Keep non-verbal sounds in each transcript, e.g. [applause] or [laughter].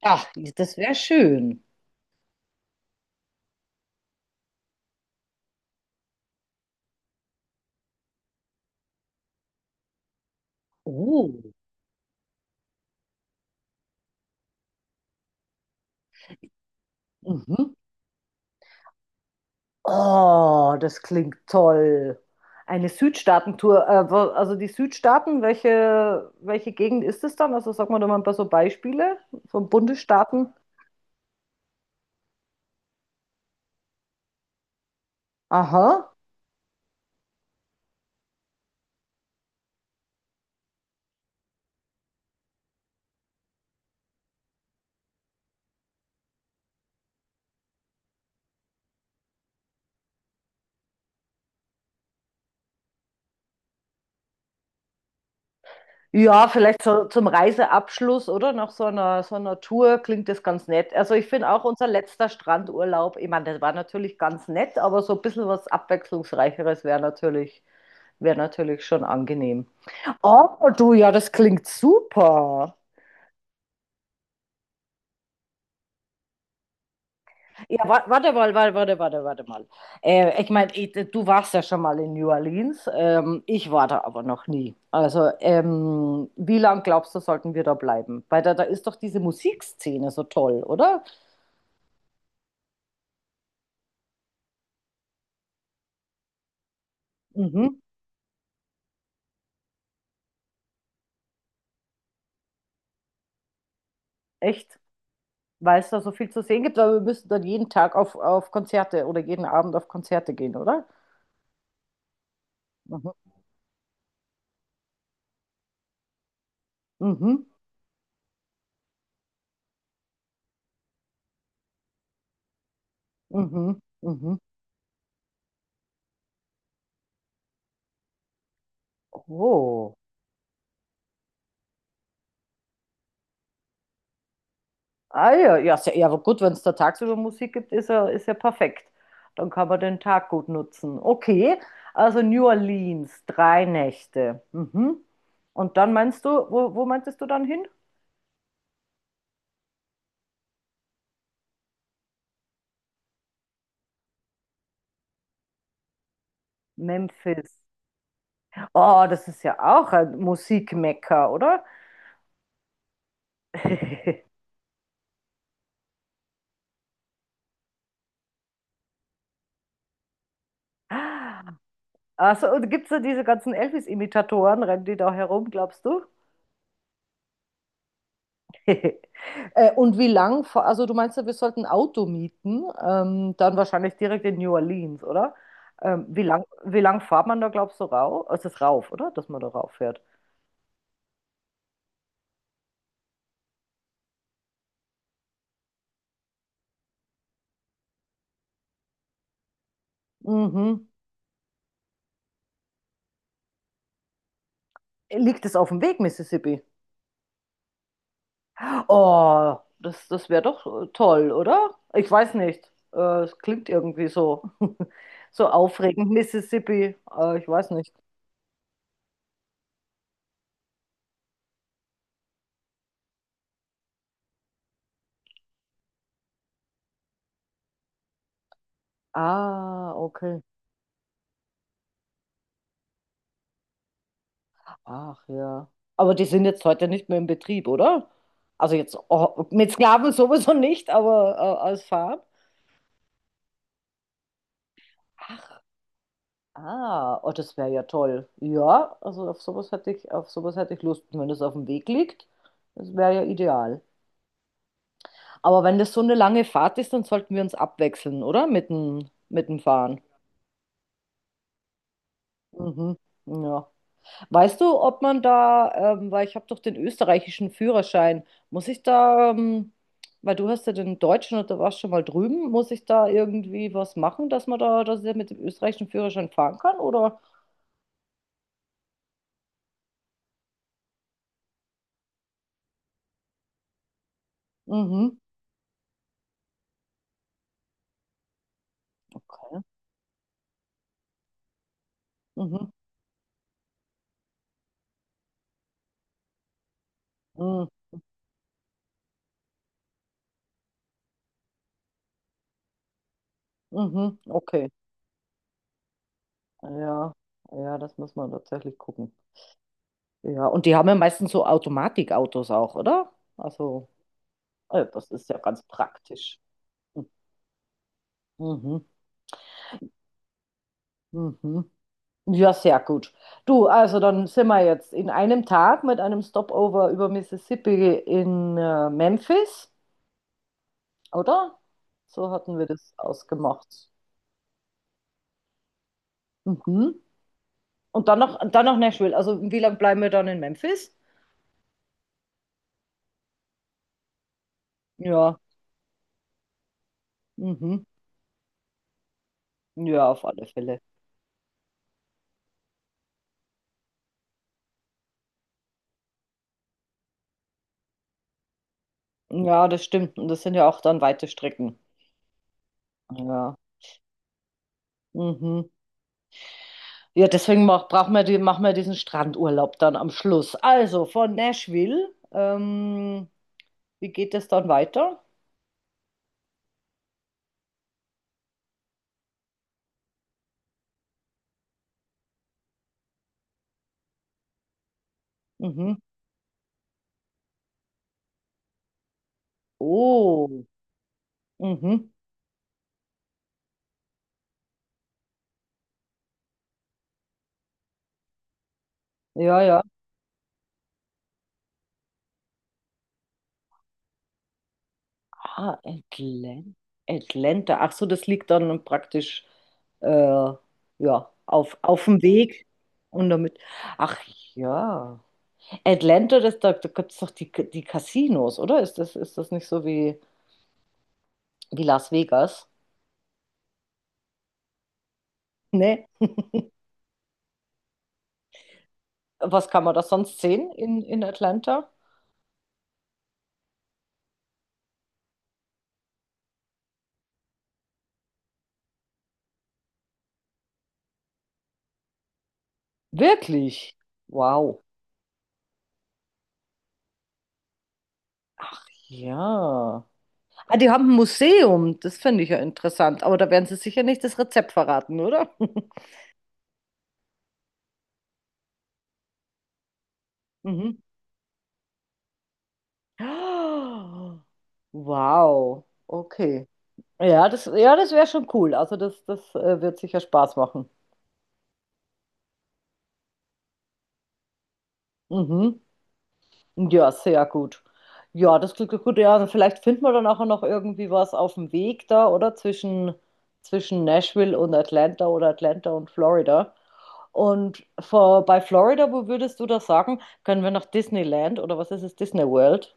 Ach, das wäre schön. Oh. Mhm. Oh, das klingt toll. Eine Südstaatentour. Also die Südstaaten, welche Gegend ist es dann? Also sag mal doch mal ein paar so Beispiele von Bundesstaaten. Aha. Ja, vielleicht so zum Reiseabschluss, oder? Nach so einer Tour klingt das ganz nett. Also ich finde auch unser letzter Strandurlaub, ich meine, das war natürlich ganz nett, aber so ein bisschen was Abwechslungsreicheres wäre natürlich schon angenehm. Oh, du, ja, das klingt super. Ja, wa- warte mal, warte, warte, warte, warte mal. Ich meine, du warst ja schon mal in New Orleans. Ich war da aber noch nie. Also, wie lange glaubst du, sollten wir da bleiben? Weil da ist doch diese Musikszene so toll, oder? Mhm, echt. Weil es da so viel zu sehen gibt, aber wir müssen dann jeden Tag auf Konzerte oder jeden Abend auf Konzerte gehen, oder? Mhm, mhm, mhm, mhm. Oh. Ah ja, ja, sehr, ja, aber gut, wenn es da tagsüber Musik gibt, ist ja perfekt. Dann kann man den Tag gut nutzen. Okay, also New Orleans, drei Nächte. Mhm. Und dann meinst du, wo meintest du dann hin? Memphis. Oh, das ist ja auch ein Musikmekka, oder? [laughs] Also, und gibt es da diese ganzen Elvis-Imitatoren, rennen die da herum, glaubst du? [laughs] Also du meinst ja, wir sollten ein Auto mieten, dann wahrscheinlich direkt in New Orleans, oder? Wie lang fährt man da, glaubst du, rauf? Es ist rauf, oder? Dass man da rauf fährt. Mhm. Liegt es auf dem Weg, Mississippi? Oh, das wäre doch toll, oder? Ich weiß nicht. Es klingt irgendwie so, [laughs] so aufregend, Mississippi. Ich weiß nicht. Ah, okay. Ach ja. Aber die sind jetzt heute nicht mehr im Betrieb, oder? Also jetzt oh, mit Sklaven sowieso nicht, aber als Farm. Ah, oh, das wäre ja toll. Ja, also auf sowas hätte ich Lust. Und wenn das auf dem Weg liegt, das wäre ja ideal. Aber wenn das so eine lange Fahrt ist, dann sollten wir uns abwechseln, oder? Mit dem Fahren. Mhm. Ja. Weißt du, ob man da, weil ich habe doch den österreichischen Führerschein, muss ich da, weil du hast ja den deutschen und da warst schon mal drüben, muss ich da irgendwie was machen, dass man da, dass ich mit dem österreichischen Führerschein fahren kann, oder? Mhm, okay, mhm, mhm, mhm, okay, ja, ja, das muss man tatsächlich gucken. Ja, und die haben ja meistens so Automatikautos auch, oder? Also, das ist ja ganz praktisch. Mhm, mhm. Mhm. Ja, sehr gut. Du, also dann sind wir jetzt in einem Tag mit einem Stopover über Mississippi in Memphis, oder? So hatten wir das ausgemacht. Mhm. Und dann noch Nashville. Also wie lange bleiben wir dann in Memphis? Ja, mhm. Ja, auf alle Fälle. Ja, das stimmt. Und das sind ja auch dann weite Strecken. Ja, mhm. Ja, deswegen mach, brauchen wir die, machen wir diesen Strandurlaub dann am Schluss. Also von Nashville, wie geht es dann weiter? Mhm. Oh, mhm. Ja, ja. Ah, Atlan Atlanta. Ach so, das liegt dann praktisch äh, ja, auf dem Weg und damit. Ach ja. Atlanta, da gibt es doch die Casinos, oder? Ist das nicht so wie, wie Las Vegas? Ne? Was kann man da sonst sehen in Atlanta? Wirklich? Wow. Ja. Ah, die haben ein Museum, das finde ich ja interessant, aber da werden sie sicher nicht das Rezept verraten, oder? [laughs] Mhm. [gasps] Ah, wow, okay. Ja, ja, das wäre schon cool. Also das wird sicher Spaß machen. Mhm. Ja, sehr gut. Ja, das klingt doch gut. Ja, und vielleicht finden wir dann nachher noch irgendwie was auf dem Weg da, oder? Zwischen Nashville und Atlanta oder Atlanta und Florida. Und vor, bei Florida, wo würdest du das sagen? Können wir nach Disneyland oder was ist es? Disney World?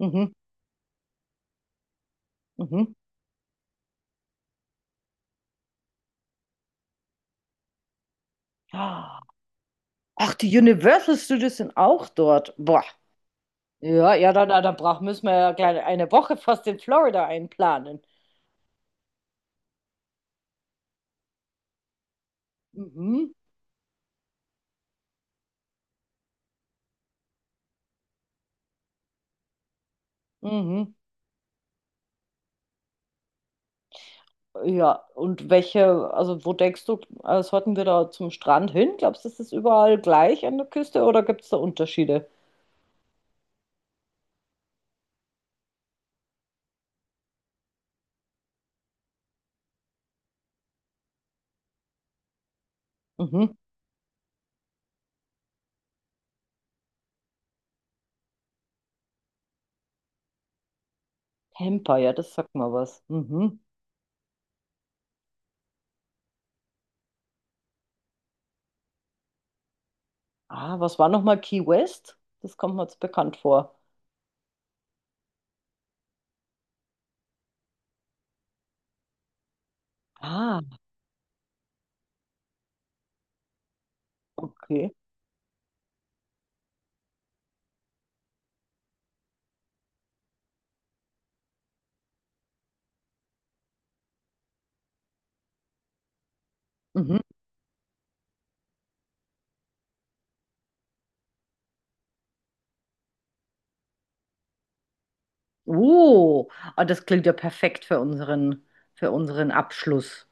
Mhm, mhm. Ach, die Universal Studios sind auch dort. Boah. Ja, ja, dann brauch, müssen wir ja gleich eine Woche fast in Florida einplanen. Mhm, mhm. Ja, und welche, also wo denkst du, sollten wir da zum Strand hin? Glaubst du, das ist überall gleich an der Küste oder gibt es da Unterschiede? Mhm. Tampa, ja, das sagt mal was. Mhm. Ah, was war nochmal Key West? Das kommt mir jetzt bekannt vor. Ah, okay. Mhm. Uh, ah, das klingt ja perfekt für unseren Abschluss.